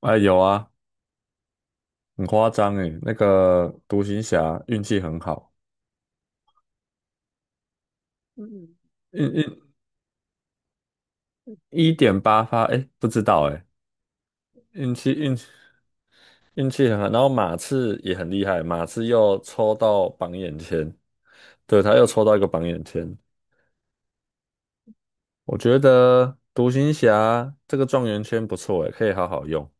哎，有啊，很夸张诶，那个独行侠运气很好，运运一点八发，哎，不知道哎，运气运气运气很好。然后马刺也很厉害，马刺又抽到榜眼签，对，他又抽到一个榜眼签。我觉得独行侠这个状元签不错诶，可以好好用。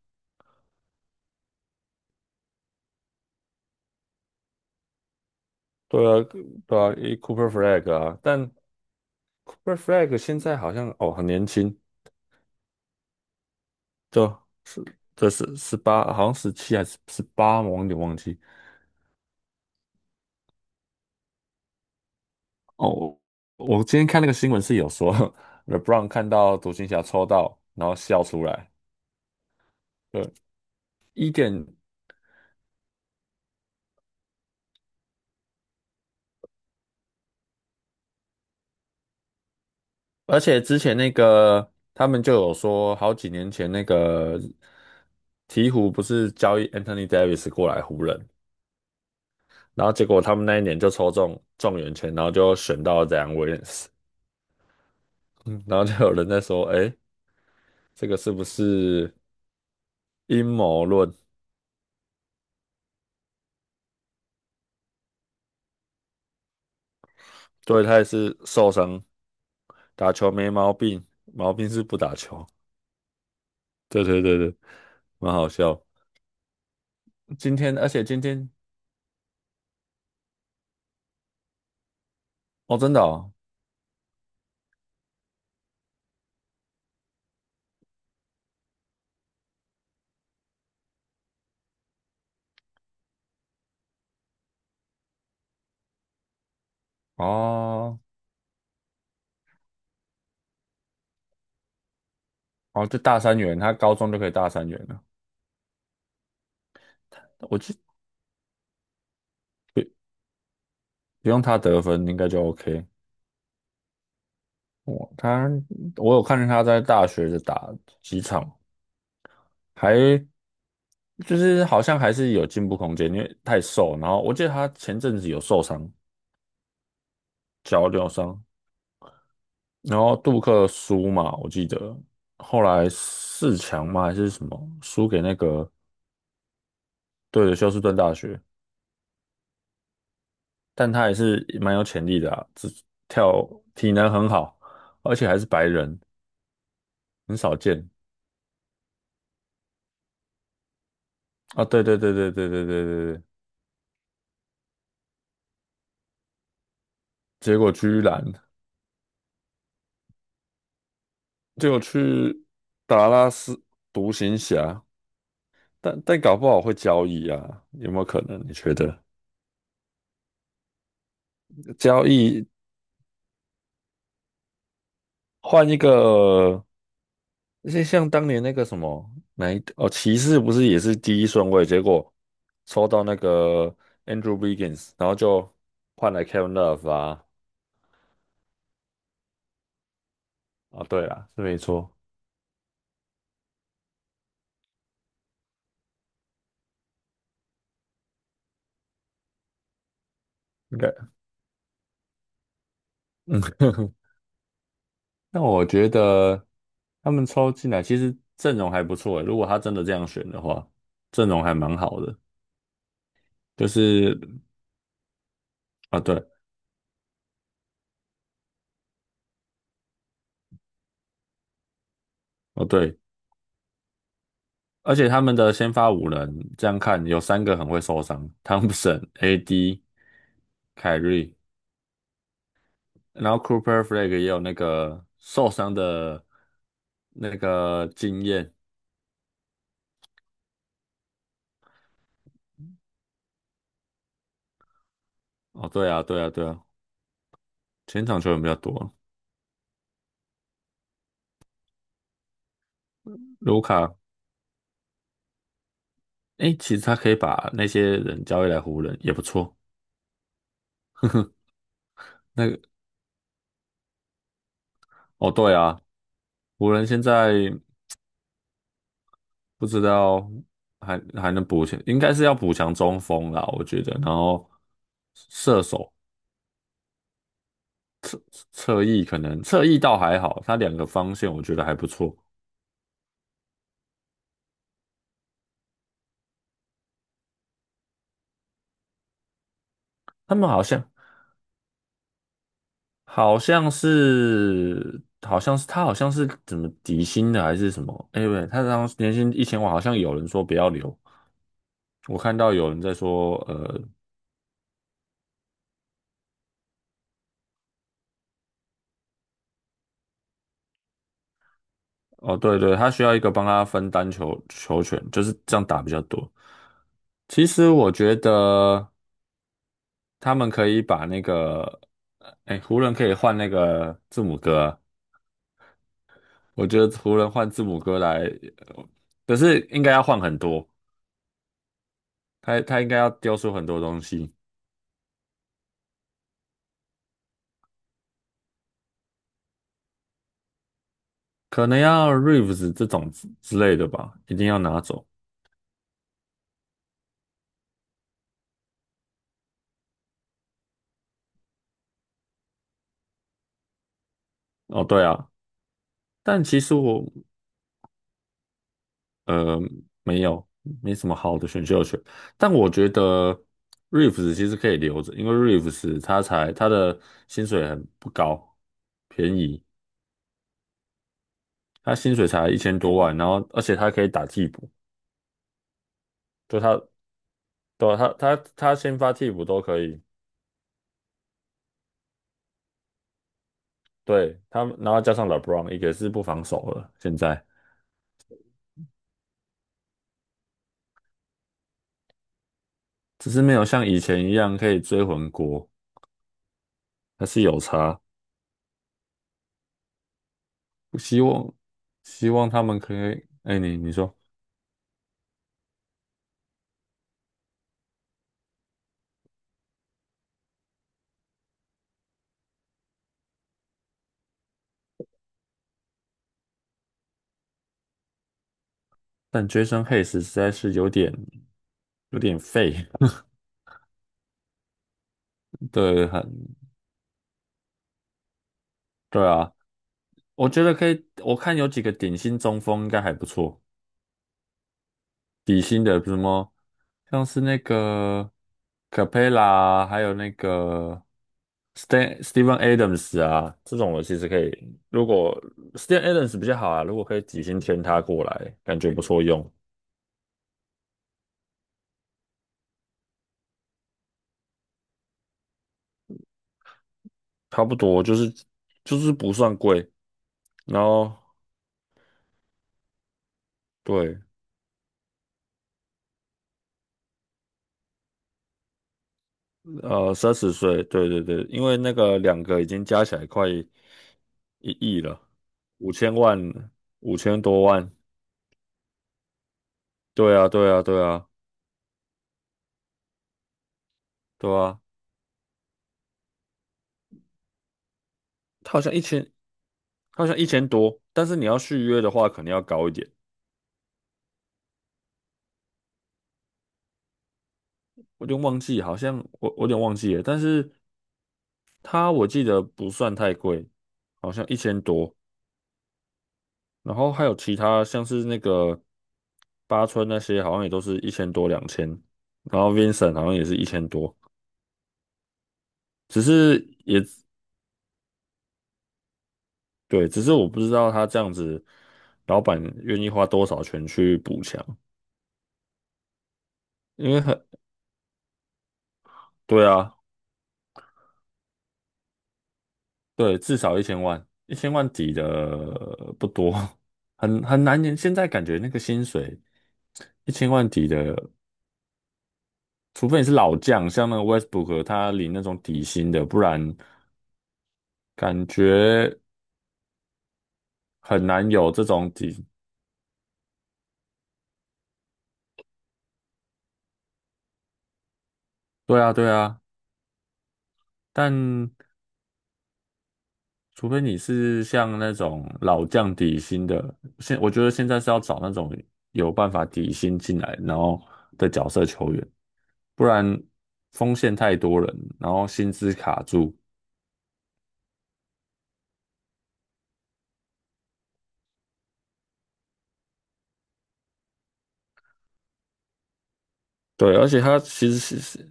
对啊，对啊，Cooper Flag 啊，但 Cooper Flag 现在好像很年轻，就这是十八好像十七还是十八，我有点忘记。哦，我今天看那个新闻是有说 ，LeBron 看到独行侠抽到，然后笑出来。对，一点，而且之前那个他们就有说，好几年前那个鹈鹕不是交易 Anthony Davis 过来湖人，然后结果他们那一年就抽中状元签，然后就选到 Zion Williams，嗯然后就有人在说，哎，这个是不是阴谋论？对，他也是受伤，打球没毛病，毛病是不打球。对对对对，蛮好笑。今天，而且今天，哦，真的哦，哦，哦，就大三元，他高中就可以大三元了。我记不不用他得分，应该就 OK。我他我有看见他在大学的打几场，还就是好像还是有进步空间，因为太瘦。然后我记得他前阵子有受伤，脚扭伤，然后杜克输嘛，我记得后来四强嘛还是什么输给那个对的休斯顿大学。但他也是蛮有潜力的啊跳体能很好，而且还是白人，很少见啊。对对对对对对对对对，结果居然结果去达拉斯独行侠，但搞不好会交易啊，有没有可能？你觉得交易换一个，像当年那个什么哪一哦，骑士不是也是第一顺位，结果抽到那个 Andrew Wiggins，然后就换来 Kevin Love 啊。哦，对啦，是没错。应该，嗯，那我觉得他们抽进来其实阵容还不错诶，如果他真的这样选的话，阵容还蛮好的。就是啊，对，哦对，而且他们的先发五人这样看有三个很会受伤，汤普森、AD、凯瑞，然后 Cooper Flag 也有那个受伤的那个经验。哦，对啊，对啊，对啊，前场球员比较多，卢卡诶，其实他可以把那些人交易来湖人也不错。那个，哦，对啊，湖人现在不知道还能补强，应该是要补强中锋啦，我觉得。然后射手侧翼可能侧翼倒还好，他两个方向我觉得还不错。他们好像好像是好像是他好像是怎么底薪的还是什么？哎，喂，他当时年薪一千万，好像有人说不要留。我看到有人在说，哦，对对，他需要一个帮他分担球权，就是这样打比较多。其实我觉得他们可以把那个，哎，湖人可以换那个字母哥啊，我觉得湖人换字母哥来，呃可是应该要换很多，他应该要丢出很多东西，可能要 Reeves 这种之类的吧，一定要拿走。哦，对啊，但其实我呃，没有，没什么好的选秀权。但我觉得 Reeves 其实可以留着，因为 Reeves 他的薪水很不高，便宜，他薪水才一千多万，然后而且他可以打替补，就他对啊他先发替补都可以，对他，然后加上 LeBron 也是不防守了，现在只是没有像以前一样可以追魂锅，还是有差。希望希望他们可以，哎，你说。但 Jason Hayes 实在是有点废，对，对啊，我觉得可以，我看有几个顶薪中锋应该还不错，底薪的什么像是那个 Capela，还有那个 Steven Adams 啊，这种我其实可以，如果 Steven Adams 比较好啊，如果可以底薪签他过来，感觉不错用，差不多就是不算贵，然后对。三十岁，对对对，因为那个两个已经加起来快一亿了，五千万，五千多万，对啊，对啊，对啊，对啊，他好像一千，他好像一千多，但是你要续约的话，可能要高一点，我有点忘记，好像我有点忘记了，但是他我记得不算太贵，好像一千多，然后还有其他像是那个八村那些，好像也都是一千多两千，两千然后 Vincent 好像也是一千多。只是也对，只是我不知道他这样子，老板愿意花多少钱去补强，因为很，对啊，对，至少一千万，一千万底的不多，很难。现在感觉那个薪水一千万底的，除非你是老将，像那个 Westbrook，他领那种底薪的，不然感觉很难有这种底。对啊，对啊，但。除非你是像那种老将底薪的，我觉得现在是要找那种有办法底薪进来，然后的角色球员，不然锋线太多人，然后薪资卡住。对，而且他其实是，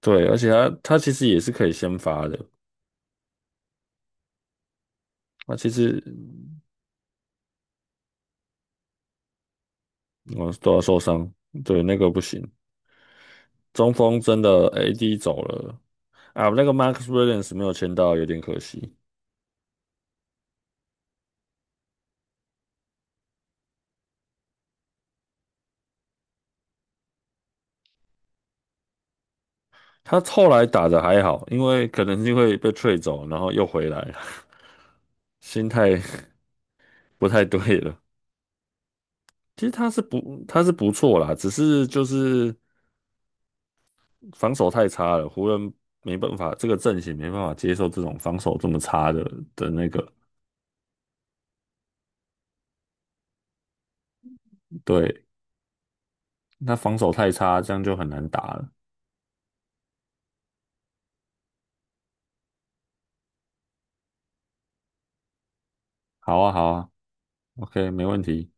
对，而且他其实也是可以先发的，他其实我都要受伤，对，那个不行。中锋真的 AD 走了啊，那个 Max Williams 没有签到，有点可惜。他后来打的还好，因为可能是因为被吹走，然后又回来了，心态 不太对了。其实他是不错啦，只是就是防守太差了，湖人没办法，这个阵型没办法接受这种防守这么差的那个，对，那防守太差，这样就很难打了。好啊，好啊，OK，没问题。